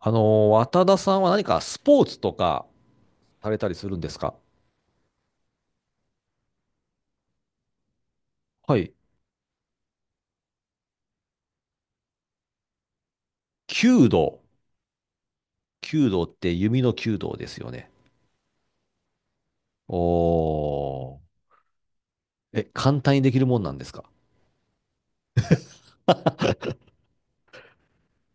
渡田さんは何かスポーツとかされたりするんですか？はい。弓道。弓道って弓の弓道ですよね。おー。え、簡単にできるもんなんですか？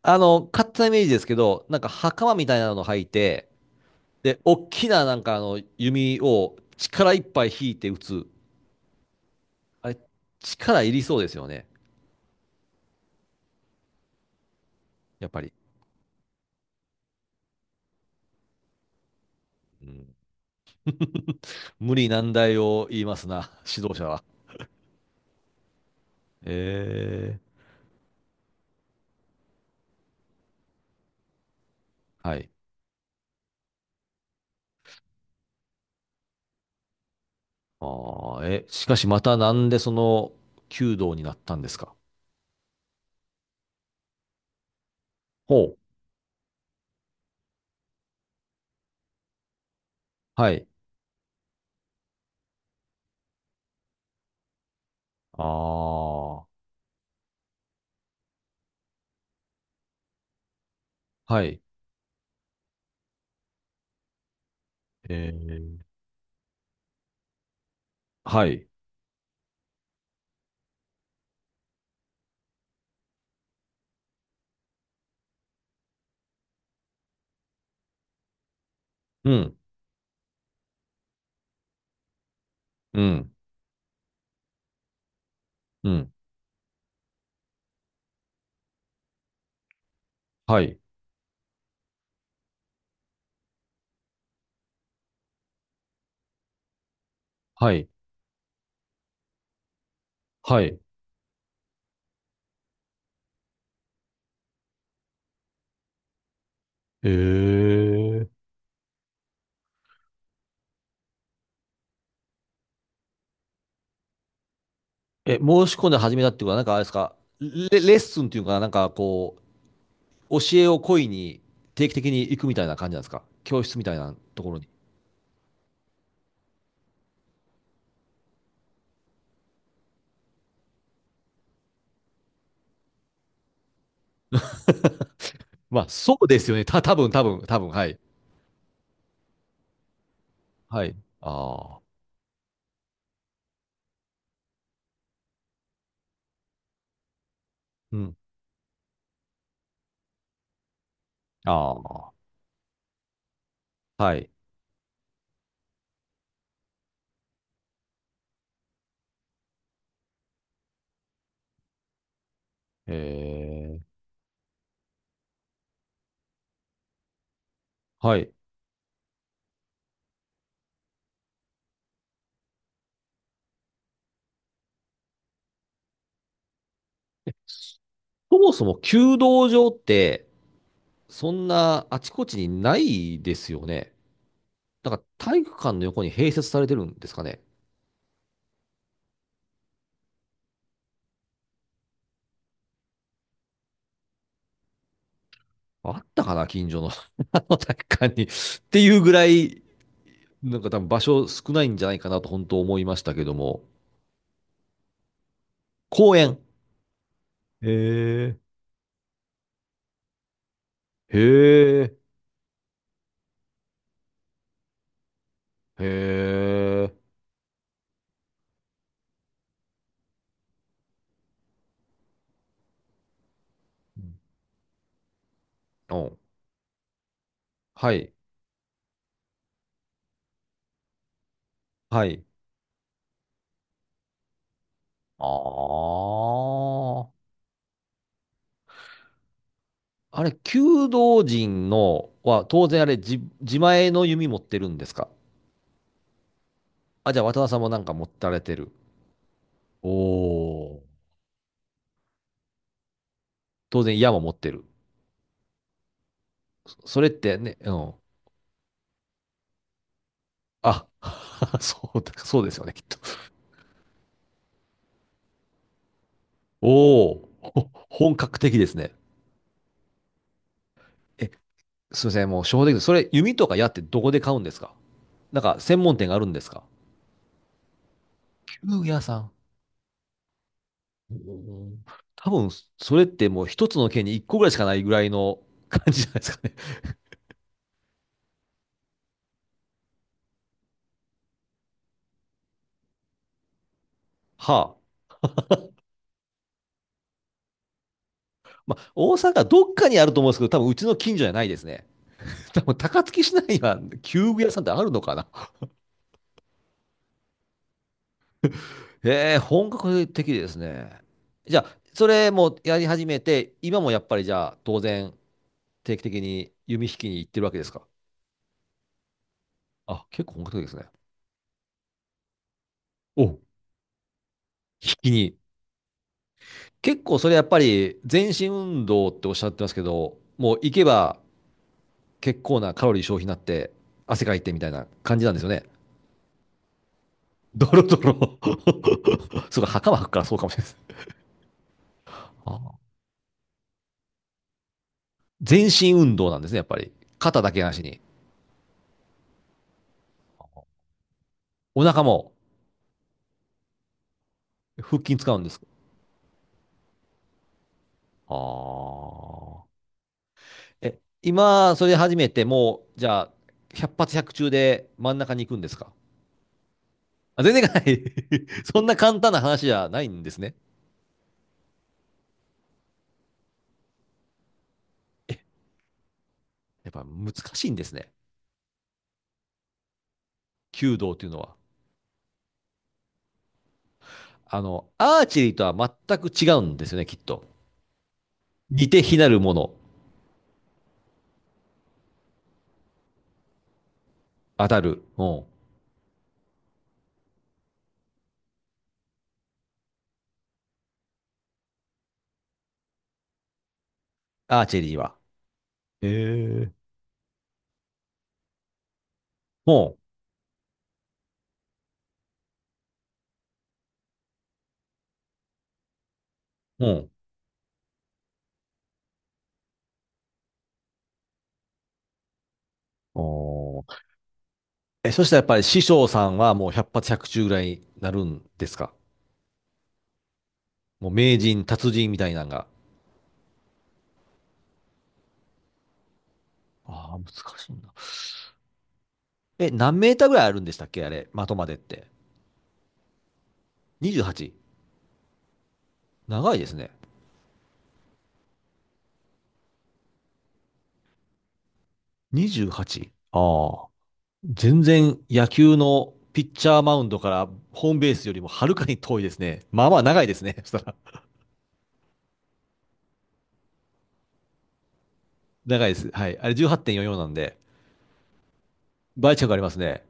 勝手なイメージですけど、なんか袴みたいなの履いて、で、大きななんかあの弓を力いっぱい引いて打つ。あれ、力いりそうですよね。やっぱり。うん、無理難題を言いますな、指導者は。えー。はい。ああ、え、しかしまたなんでその弓道になったんですか？ほう。はい。ああ、はい。えー、はい。うん。うん。うん。はい。はい。はい。えー、え、申し込んで始めたってことは、なんかあれですか、レ、レッスンっていうかな、なんかこう、教えを請いに定期的に行くみたいな感じなんですか？教室みたいなところに。まあ、そうですよね。多分多分多分、はい。はい。ああ。うん。ああ。はい。えーはい。そもそも弓道場って、そんなあちこちにないですよね。なんか体育館の横に併設されてるんですかね。あったかな、近所の あの体育館に。っていうぐらい、なんか多分場所少ないんじゃないかなと本当思いましたけども。公園。へえ。へえ、へえ。うん。はい。はい。ああ。あれ、弓道陣のは、当然あれ自前の弓持ってるんですか？あ、じゃあ渡田さんもなんか持たれてる。おー。当然矢も持ってる。それってね、うん。あ、そうだ、そうですよね、きっと。おー。本格的ですね。え、すいません、もう正直です、それ弓とか矢ってどこで買うんですか？なんか専門店があるんですか？弓矢さん。うん、多分、それってもう一つの県に一個ぐらいしかないぐらいの感じじゃないですかね。はあ。まあ、大阪どっかにあると思うんですけど、多分うちの近所じゃないですね。多分高槻市内には旧具屋さんってあるのかな。へえ、本格的ですね。じゃあ、それもやり始めて、今もやっぱりじゃあ、当然、定期的に弓引きに行ってるわけですか。あ、結構本格的ですね。お、引きに。結構それやっぱり全身運動っておっしゃってますけど、もう行けば結構なカロリー消費になって、汗かいてみたいな感じなんですよね。ドロドロ。そうか、袴履くからそうかもしれないです。ああ、全身運動なんですね、やっぱり。肩だけなしに。お腹も腹筋使うんです？ああ。え、今、それ始めて、もう、じゃあ、百発百中で真ん中に行くんですか？あ、全然いかない そんな簡単な話じゃないんですね。え、やっぱ難しいんですね。弓道というのは。アーチェリーとは全く違うんですよね、きっと。似て非なるもの、当たる。うん。アーチェリーは。ええ、うん。うん。おー、え、そしたらやっぱり師匠さんはもう百発百中ぐらいになるんですか？もう名人、達人みたいなのが。ああ、難しいな。え、何メーターぐらいあるんでしたっけあれ、的までって。28？ 長いですね。28？ ああ。全然野球のピッチャーマウンドからホームベースよりもはるかに遠いですね。まあまあ長いですね。そしたら。長いです。はい。あれ18.44なんで、倍近くありますね。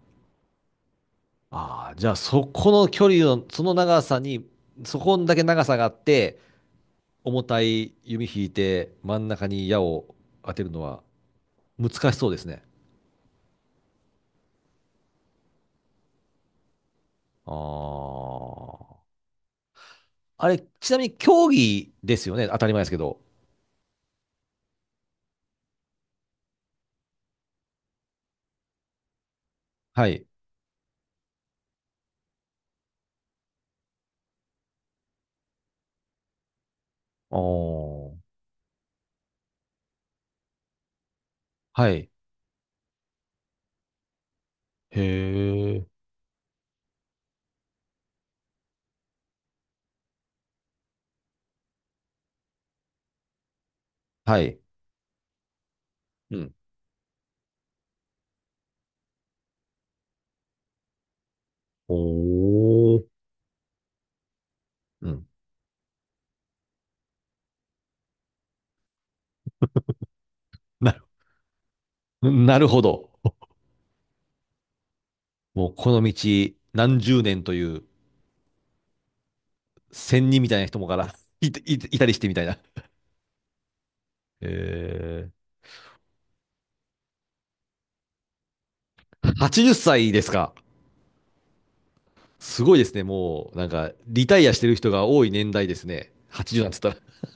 ああ、じゃあそこの距離の、その長さに、そこんだけ長さがあって、重たい弓引いて真ん中に矢を当てるのは難しそうですね。ああ。あれ、ちなみに競技ですよね。当たり前ですけど。はい。ああ。はい。へえ。はい。うん。おお。うん。ななるほど。もうこの道何十年という仙人みたいな人もから いたりしてみたいな。えー、80歳ですか。すごいですね。もう、なんか、リタイアしてる人が多い年代ですね。80なんて言ったら。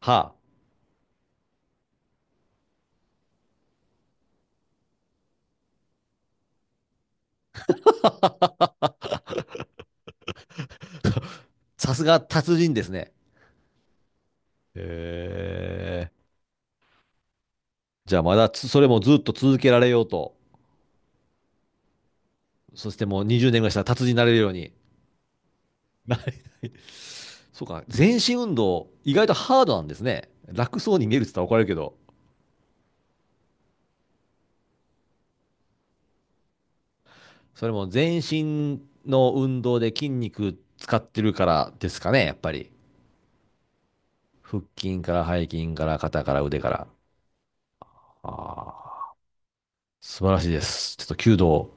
はあ。さすが達人ですね。へえ。じゃあまだそれもずっと続けられようと。そしてもう20年ぐらいしたら達人になれるように。なそうか。全身運動、意外とハードなんですね。楽そうに見えるって言ったら怒られるけど。それも全身の運動で筋肉使ってるからですかね、やっぱり。腹筋から背筋から肩から腕から。ああ。素晴らしいです。ちょっと弓道、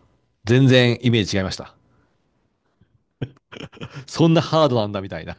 全然イメージ違いました。そんなハードなんだみたいな。